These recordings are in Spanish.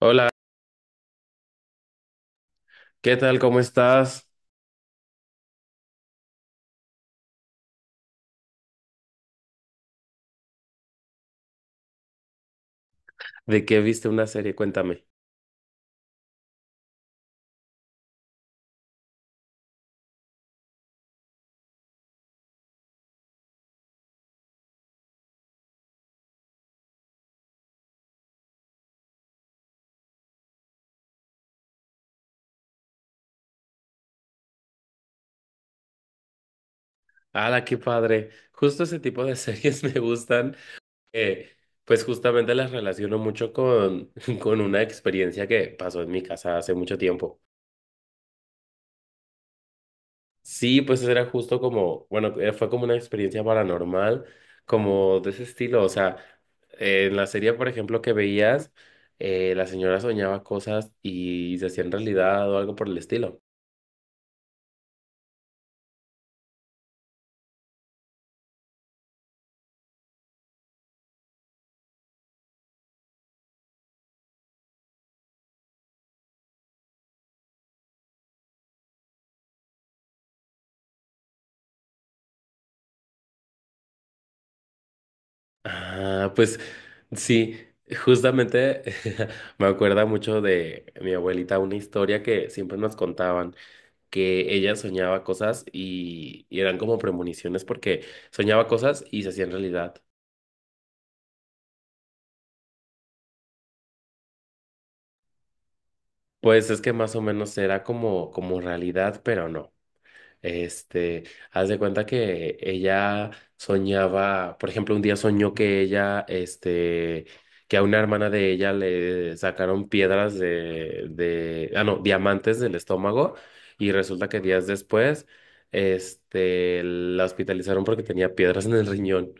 Hola, ¿qué tal? ¿Cómo estás? ¿De qué viste una serie? Cuéntame. ¡Hala, qué padre! Justo ese tipo de series me gustan. eh, pues justamente las relaciono mucho con una experiencia que pasó en mi casa hace mucho tiempo. Sí, pues era justo como, bueno, fue como una experiencia paranormal, como de ese estilo. O sea, en la serie, por ejemplo, que veías, la señora soñaba cosas y se hacían realidad o algo por el estilo. Ah, pues sí, justamente me acuerda mucho de mi abuelita, una historia que siempre nos contaban, que ella soñaba cosas y eran como premoniciones porque soñaba cosas y se hacían realidad. Pues es que más o menos era como, como realidad, pero no. Este, haz de cuenta que ella soñaba, por ejemplo, un día soñó que ella, este, que a una hermana de ella le sacaron piedras de, ah, no, diamantes del estómago y resulta que días después, este, la hospitalizaron porque tenía piedras en el riñón.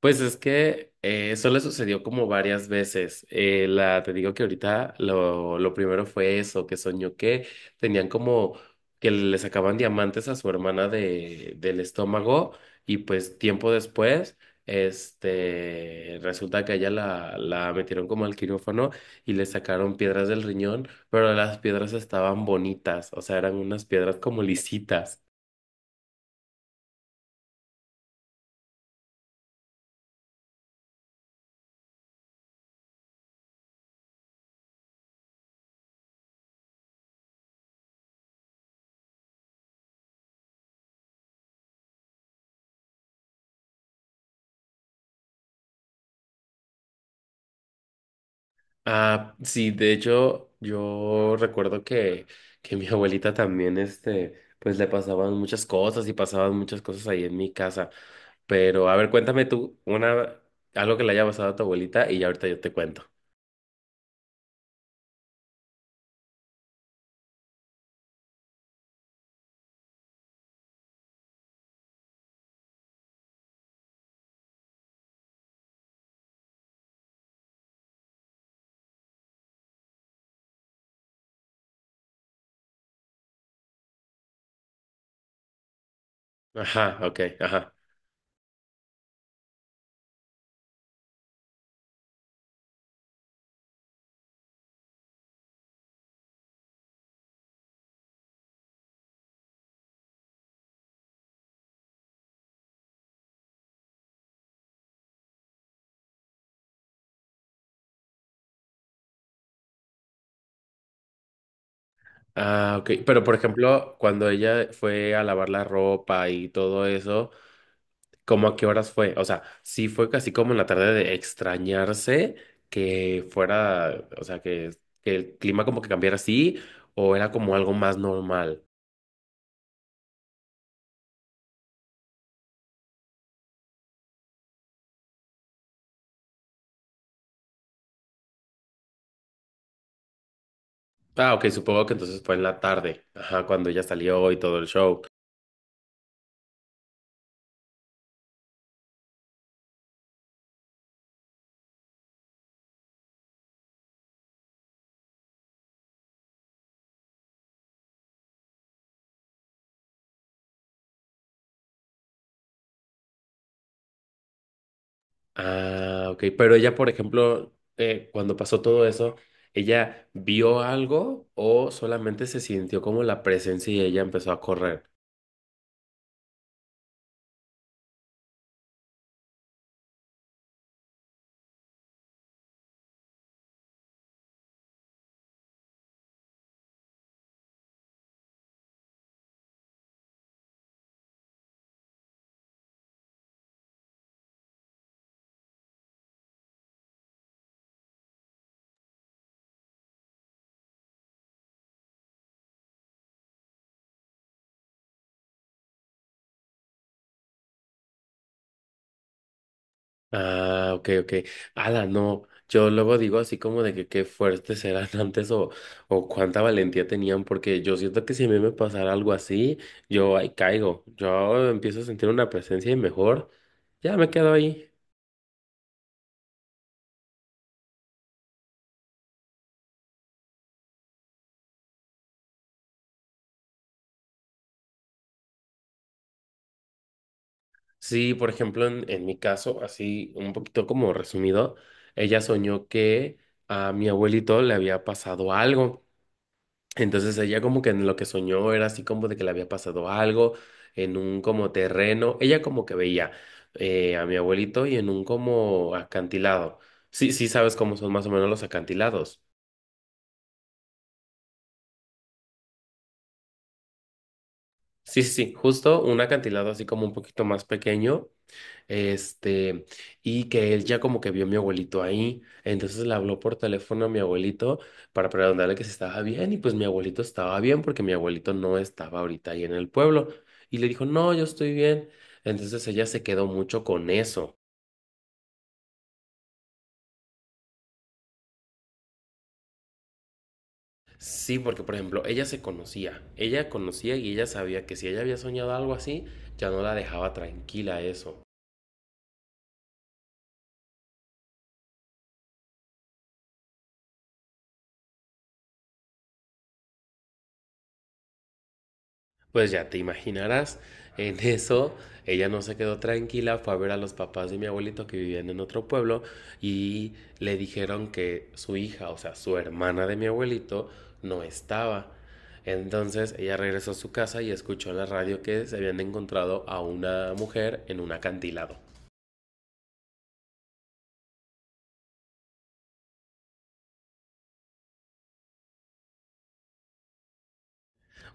Pues es que eso le sucedió como varias veces. Te digo que ahorita lo primero fue eso, que soñó que tenían como que le sacaban diamantes a su hermana del estómago y pues tiempo después, este, resulta que a ella la metieron como al quirófano y le sacaron piedras del riñón, pero las piedras estaban bonitas, o sea, eran unas piedras como lisitas. Ah, sí, de hecho, que mi abuelita también, este, pues le pasaban muchas cosas y pasaban muchas cosas ahí en mi casa. Pero, a ver, cuéntame tú una, algo que le haya pasado a tu abuelita y ya ahorita yo te cuento. Ajá, ok, ajá. Ah, ok. Pero, por ejemplo, cuando ella fue a lavar la ropa y todo eso, ¿cómo a qué horas fue? O sea, sí fue casi como en la tarde de extrañarse que fuera, o sea, que el clima como que cambiara así o era como algo más normal. Ah, ok, supongo que entonces fue en la tarde, ajá, cuando ella salió y todo el show. Ah, ok, pero ella, por ejemplo, cuando pasó todo eso, ¿ella vio algo o solamente se sintió como la presencia y ella empezó a correr? Ah, ok, ok. Ala, no. Yo luego digo así como de que qué fuertes eran antes o cuánta valentía tenían, porque yo siento que si a mí me pasara algo así, yo ahí caigo. Yo empiezo a sentir una presencia y mejor ya me quedo ahí. Sí, por ejemplo, en mi caso, así un poquito como resumido, ella soñó que a mi abuelito le había pasado algo. Entonces ella como que en lo que soñó era así como de que le había pasado algo en un como terreno. Ella como que veía a mi abuelito y en un como acantilado. Sí, sí sabes cómo son más o menos los acantilados. Sí, sí, sí, justo un acantilado así como un poquito más pequeño. Este, y que él ya como que vio a mi abuelito ahí, entonces le habló por teléfono a mi abuelito para preguntarle que si estaba bien y pues mi abuelito estaba bien porque mi abuelito no estaba ahorita ahí en el pueblo y le dijo, no, yo estoy bien. Entonces ella se quedó mucho con eso. Sí, porque por ejemplo, ella se conocía, ella conocía y ella sabía que si ella había soñado algo así, ya no la dejaba tranquila eso. Pues ya te imaginarás, en eso ella no se quedó tranquila, fue a ver a los papás de mi abuelito que vivían en otro pueblo y le dijeron que su hija, o sea, su hermana de mi abuelito, no estaba. Entonces ella regresó a su casa y escuchó en la radio que se habían encontrado a una mujer en un acantilado.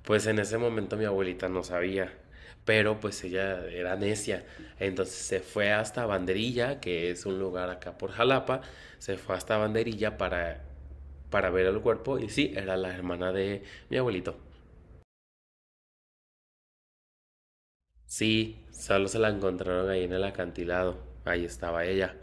Pues en ese momento mi abuelita no sabía, pero pues ella era necia. Entonces se fue hasta Banderilla, que es un lugar acá por Jalapa, se fue hasta Banderilla para ver el cuerpo y sí, era la hermana de mi abuelito. Sí, solo se la encontraron ahí en el acantilado, ahí estaba ella.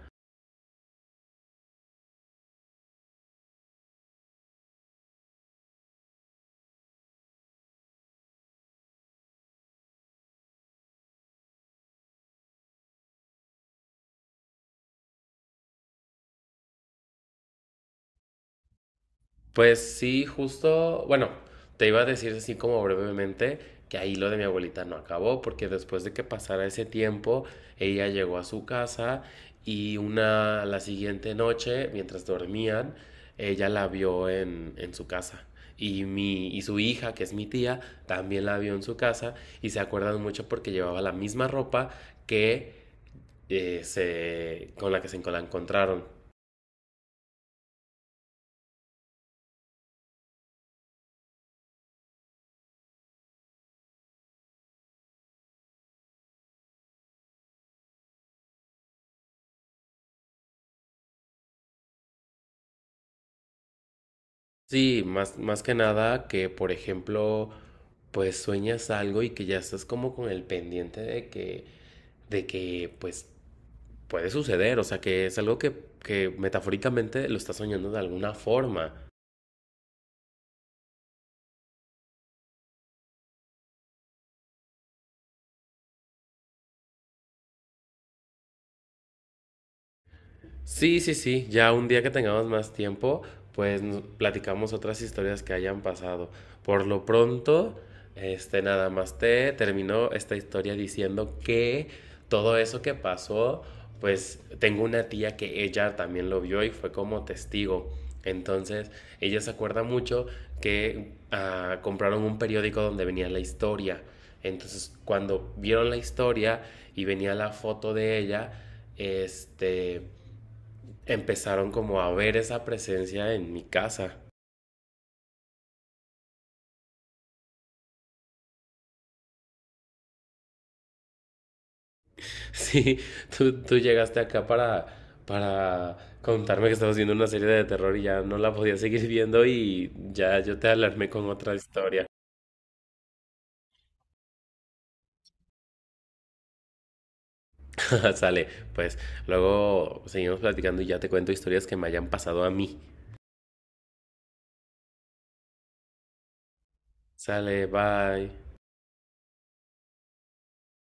Pues sí, justo, bueno, te iba a decir así como brevemente que ahí lo de mi abuelita no acabó, porque después de que pasara ese tiempo, ella llegó a su casa y la siguiente noche, mientras dormían, ella la vio en su casa. Y su hija, que es mi tía, también la vio en su casa y se acuerdan mucho porque llevaba la misma ropa que con la que se la encontraron. Sí, más, más que nada que, por ejemplo, pues sueñas algo y que ya estás como con el pendiente de pues puede suceder, o sea, que es algo que metafóricamente lo estás soñando de alguna forma. Sí, sí, sí, ya un día que tengamos más tiempo, pues nos platicamos otras historias que hayan pasado. Por lo pronto, este nada más te terminó esta historia diciendo que todo eso que pasó, pues tengo una tía que ella también lo vio y fue como testigo. Entonces, ella se acuerda mucho que compraron un periódico donde venía la historia. Entonces, cuando vieron la historia y venía la foto de ella, este empezaron como a ver esa presencia en mi casa. Sí, tú llegaste acá para contarme que estabas viendo una serie de terror y ya no la podía seguir viendo y ya yo te alarmé con otra historia. Sale, pues luego seguimos platicando y ya te cuento historias que me hayan pasado a mí. Sale, bye.